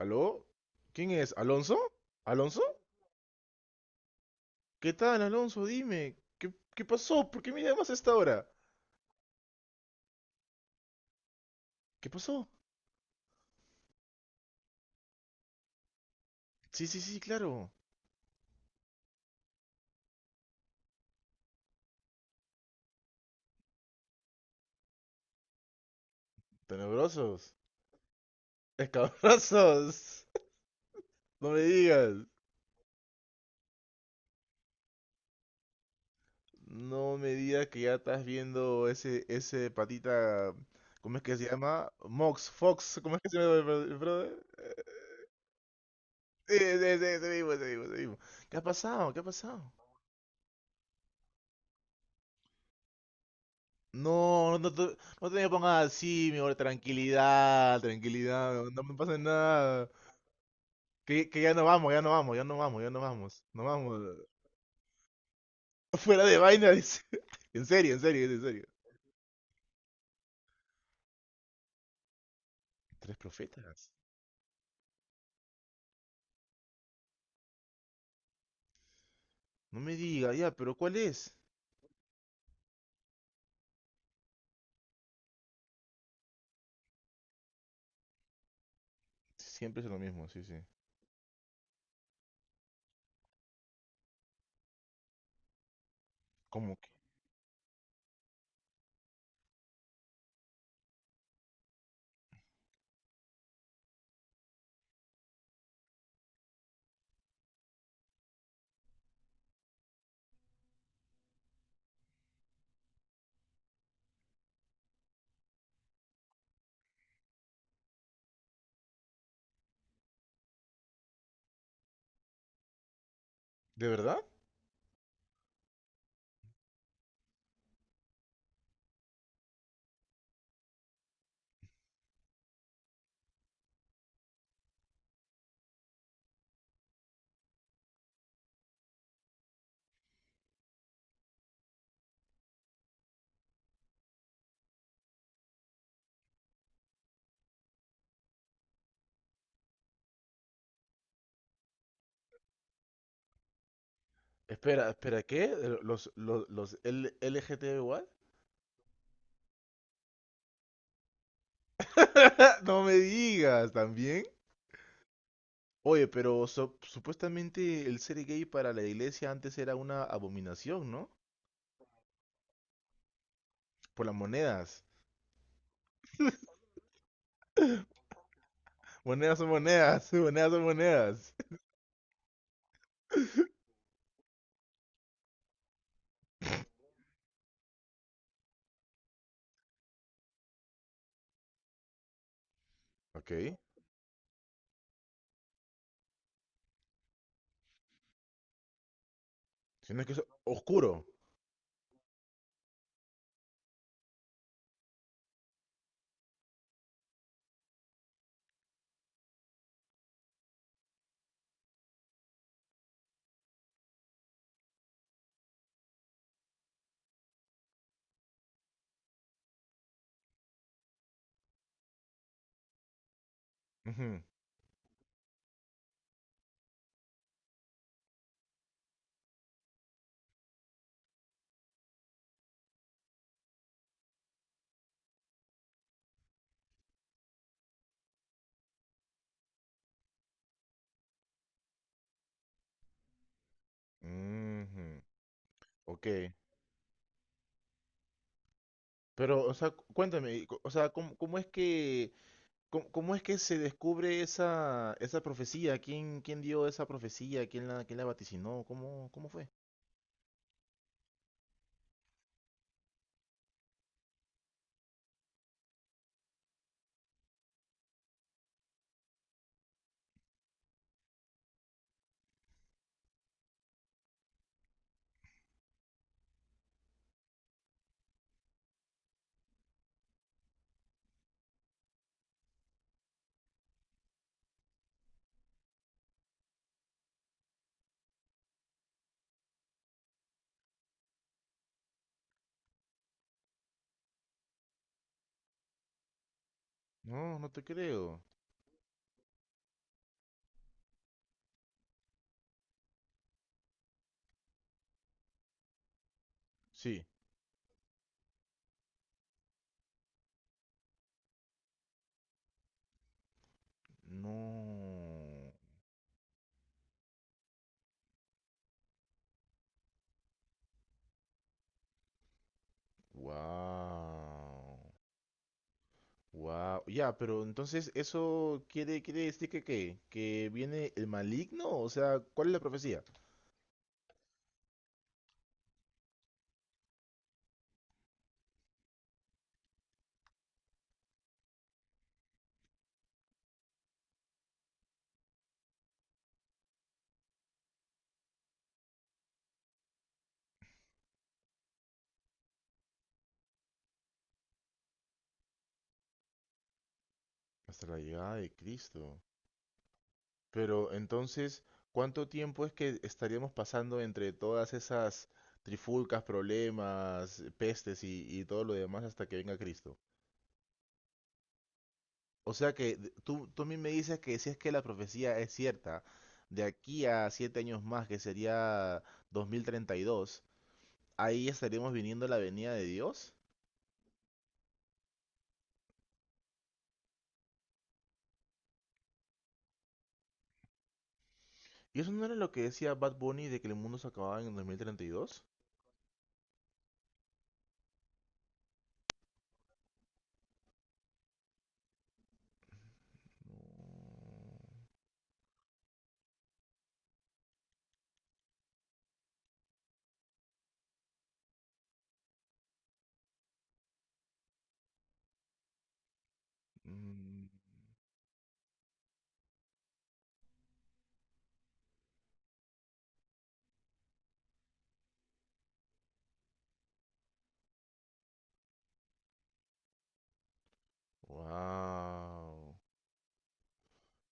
¿Aló? ¿Quién es? ¿Alonso? ¿Alonso? ¿Qué tal, Alonso? Dime. ¿Qué pasó? ¿Por qué me llamas a esta hora? ¿Qué pasó? Sí, sí, sí, claro. Tenebrosos. Escabrosos. No me digas. No me digas que ya estás viendo ese patita. ¿Cómo es que se llama? Mox, Fox. ¿Cómo es que se llama el brother? Sí, sí, sí, ese mismo, ese mismo, ese mismo. ¿Qué ha pasado? ¿Qué ha pasado? No, no te me pongas así, mi amor, tranquilidad, tranquilidad, no, no me pasa nada. Que ya no vamos, ya no vamos, ya no vamos, ya no vamos, no vamos. Fuera de vaina, dice. En serio, en serio, en serio. Tres profetas. No me diga, ya, pero ¿cuál es? Siempre es lo mismo, sí, sí. ¿Cómo que? ¿De verdad? Espera, espera, ¿qué? ¿Los LGTB igual? No me digas, ¿también? Oye, pero supuestamente el ser gay para la iglesia antes era una abominación, ¿no? Por las monedas. Monedas son monedas, monedas son monedas. Ok. Si no es que es oscuro. Ujú, ujú, Ok. Pero, o sea, cuéntame, o sea, ¿cómo es que, cómo es que se descubre esa profecía? ¿Quién dio esa profecía? ¿Quién la vaticinó? ¿Cómo fue? No, no te creo. Sí. No. Wow. Wow. Ya, pero entonces eso quiere decir que ¿qué? Que viene el maligno, o sea, ¿cuál es la profecía? Hasta la llegada de Cristo. Pero entonces, ¿cuánto tiempo es que estaríamos pasando entre todas esas trifulcas, problemas, pestes y todo lo demás hasta que venga Cristo? O sea que tú a mí me dices que si es que la profecía es cierta, de aquí a 7 años más, que sería 2032 ahí estaríamos viniendo a la venida de Dios. ¿Y eso no era lo que decía Bad Bunny de que el mundo se acababa en el 2032? Wow.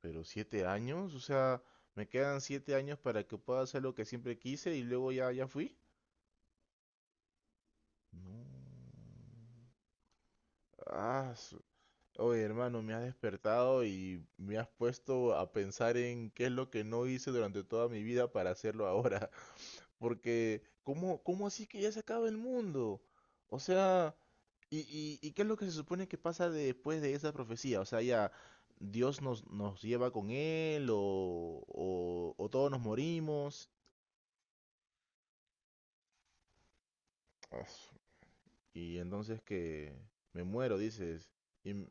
Pero 7 años, o sea, me quedan 7 años para que pueda hacer lo que siempre quise y luego ya, ya fui. No. Ah, oye, hermano, me has despertado y me has puesto a pensar en qué es lo que no hice durante toda mi vida para hacerlo ahora. Porque, ¿cómo así que ya se acaba el mundo? O sea, ¿y qué es lo que se supone que pasa después de esa profecía? O sea, ya Dios nos lleva con él o todos nos morimos. Ah, y entonces que me muero, dices, y, m-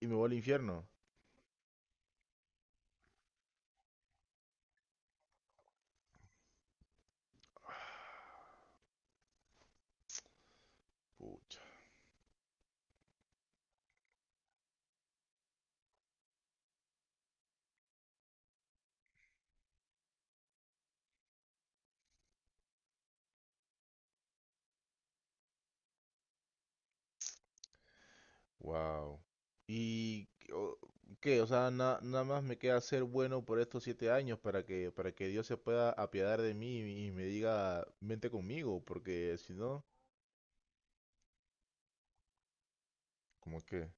y me voy al infierno. Pucha. Wow. ¿Y o- qué? O sea, nada más me queda ser bueno por estos 7 años para que Dios se pueda apiadar de mí y me diga, vente conmigo, porque si no, como que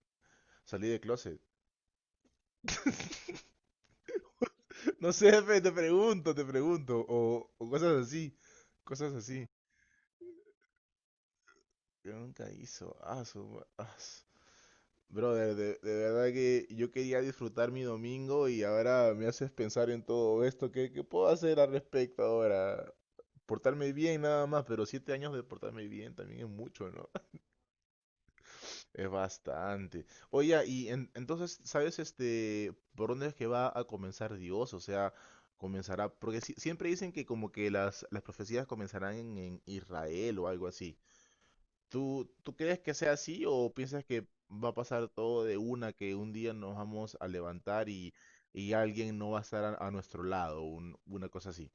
salí de closet. No sé, fe, te pregunto, o cosas así, cosas así. Yo nunca hizo, ah, su ma- ah, su- Brother, de verdad que yo quería disfrutar mi domingo y ahora me haces pensar en todo esto. ¿Qué puedo hacer al respecto ahora? Portarme bien nada más, pero siete años de portarme bien también es mucho, ¿no? Es bastante. Oye, y entonces, ¿sabes por dónde es que va a comenzar Dios? O sea, comenzará, porque siempre dicen que como que las profecías comenzarán en Israel o algo así. ¿Tú crees que sea así o piensas que va a pasar todo de una, que un día nos vamos a levantar y alguien no va a estar a nuestro lado, una cosa así?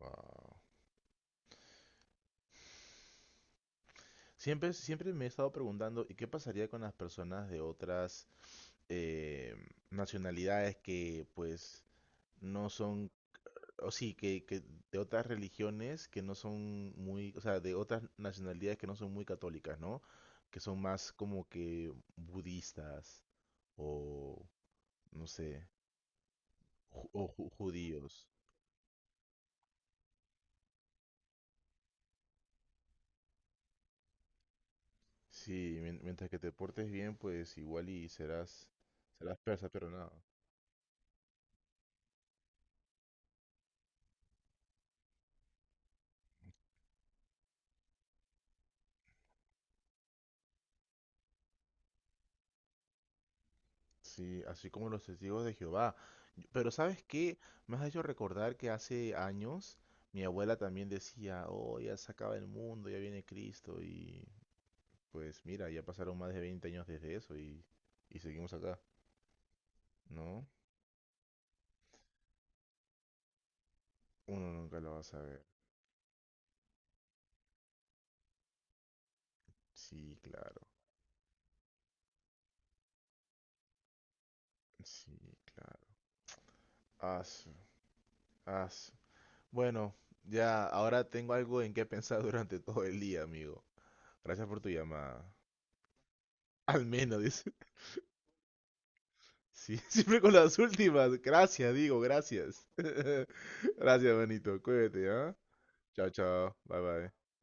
Wow. Siempre, siempre me he estado preguntando, ¿y qué pasaría con las personas de otras eh, nacionalidades que pues no son, o sí, que de otras religiones que no son muy, o sea, de otras nacionalidades que no son muy católicas, ¿no? Que son más como que budistas o no sé, judíos. Sí, mientras que te portes bien, pues igual y serás, persa, pero nada. Sí, así como los testigos de Jehová. Pero ¿sabes qué? Me has hecho recordar que hace años mi abuela también decía, oh, ya se acaba el mundo, ya viene Cristo. Y pues mira, ya pasaron más de 20 años desde eso y seguimos acá, ¿no? Uno nunca lo va a saber. Sí, claro. Sí, claro. As, Bueno, ya ahora tengo algo en qué pensar durante todo el día, amigo. Gracias por tu llamada. Al menos, dice. Sí, siempre con las últimas. Gracias, digo, gracias. Gracias, Benito. Cuídate, ¿ah? Chao, chao. Bye, bye.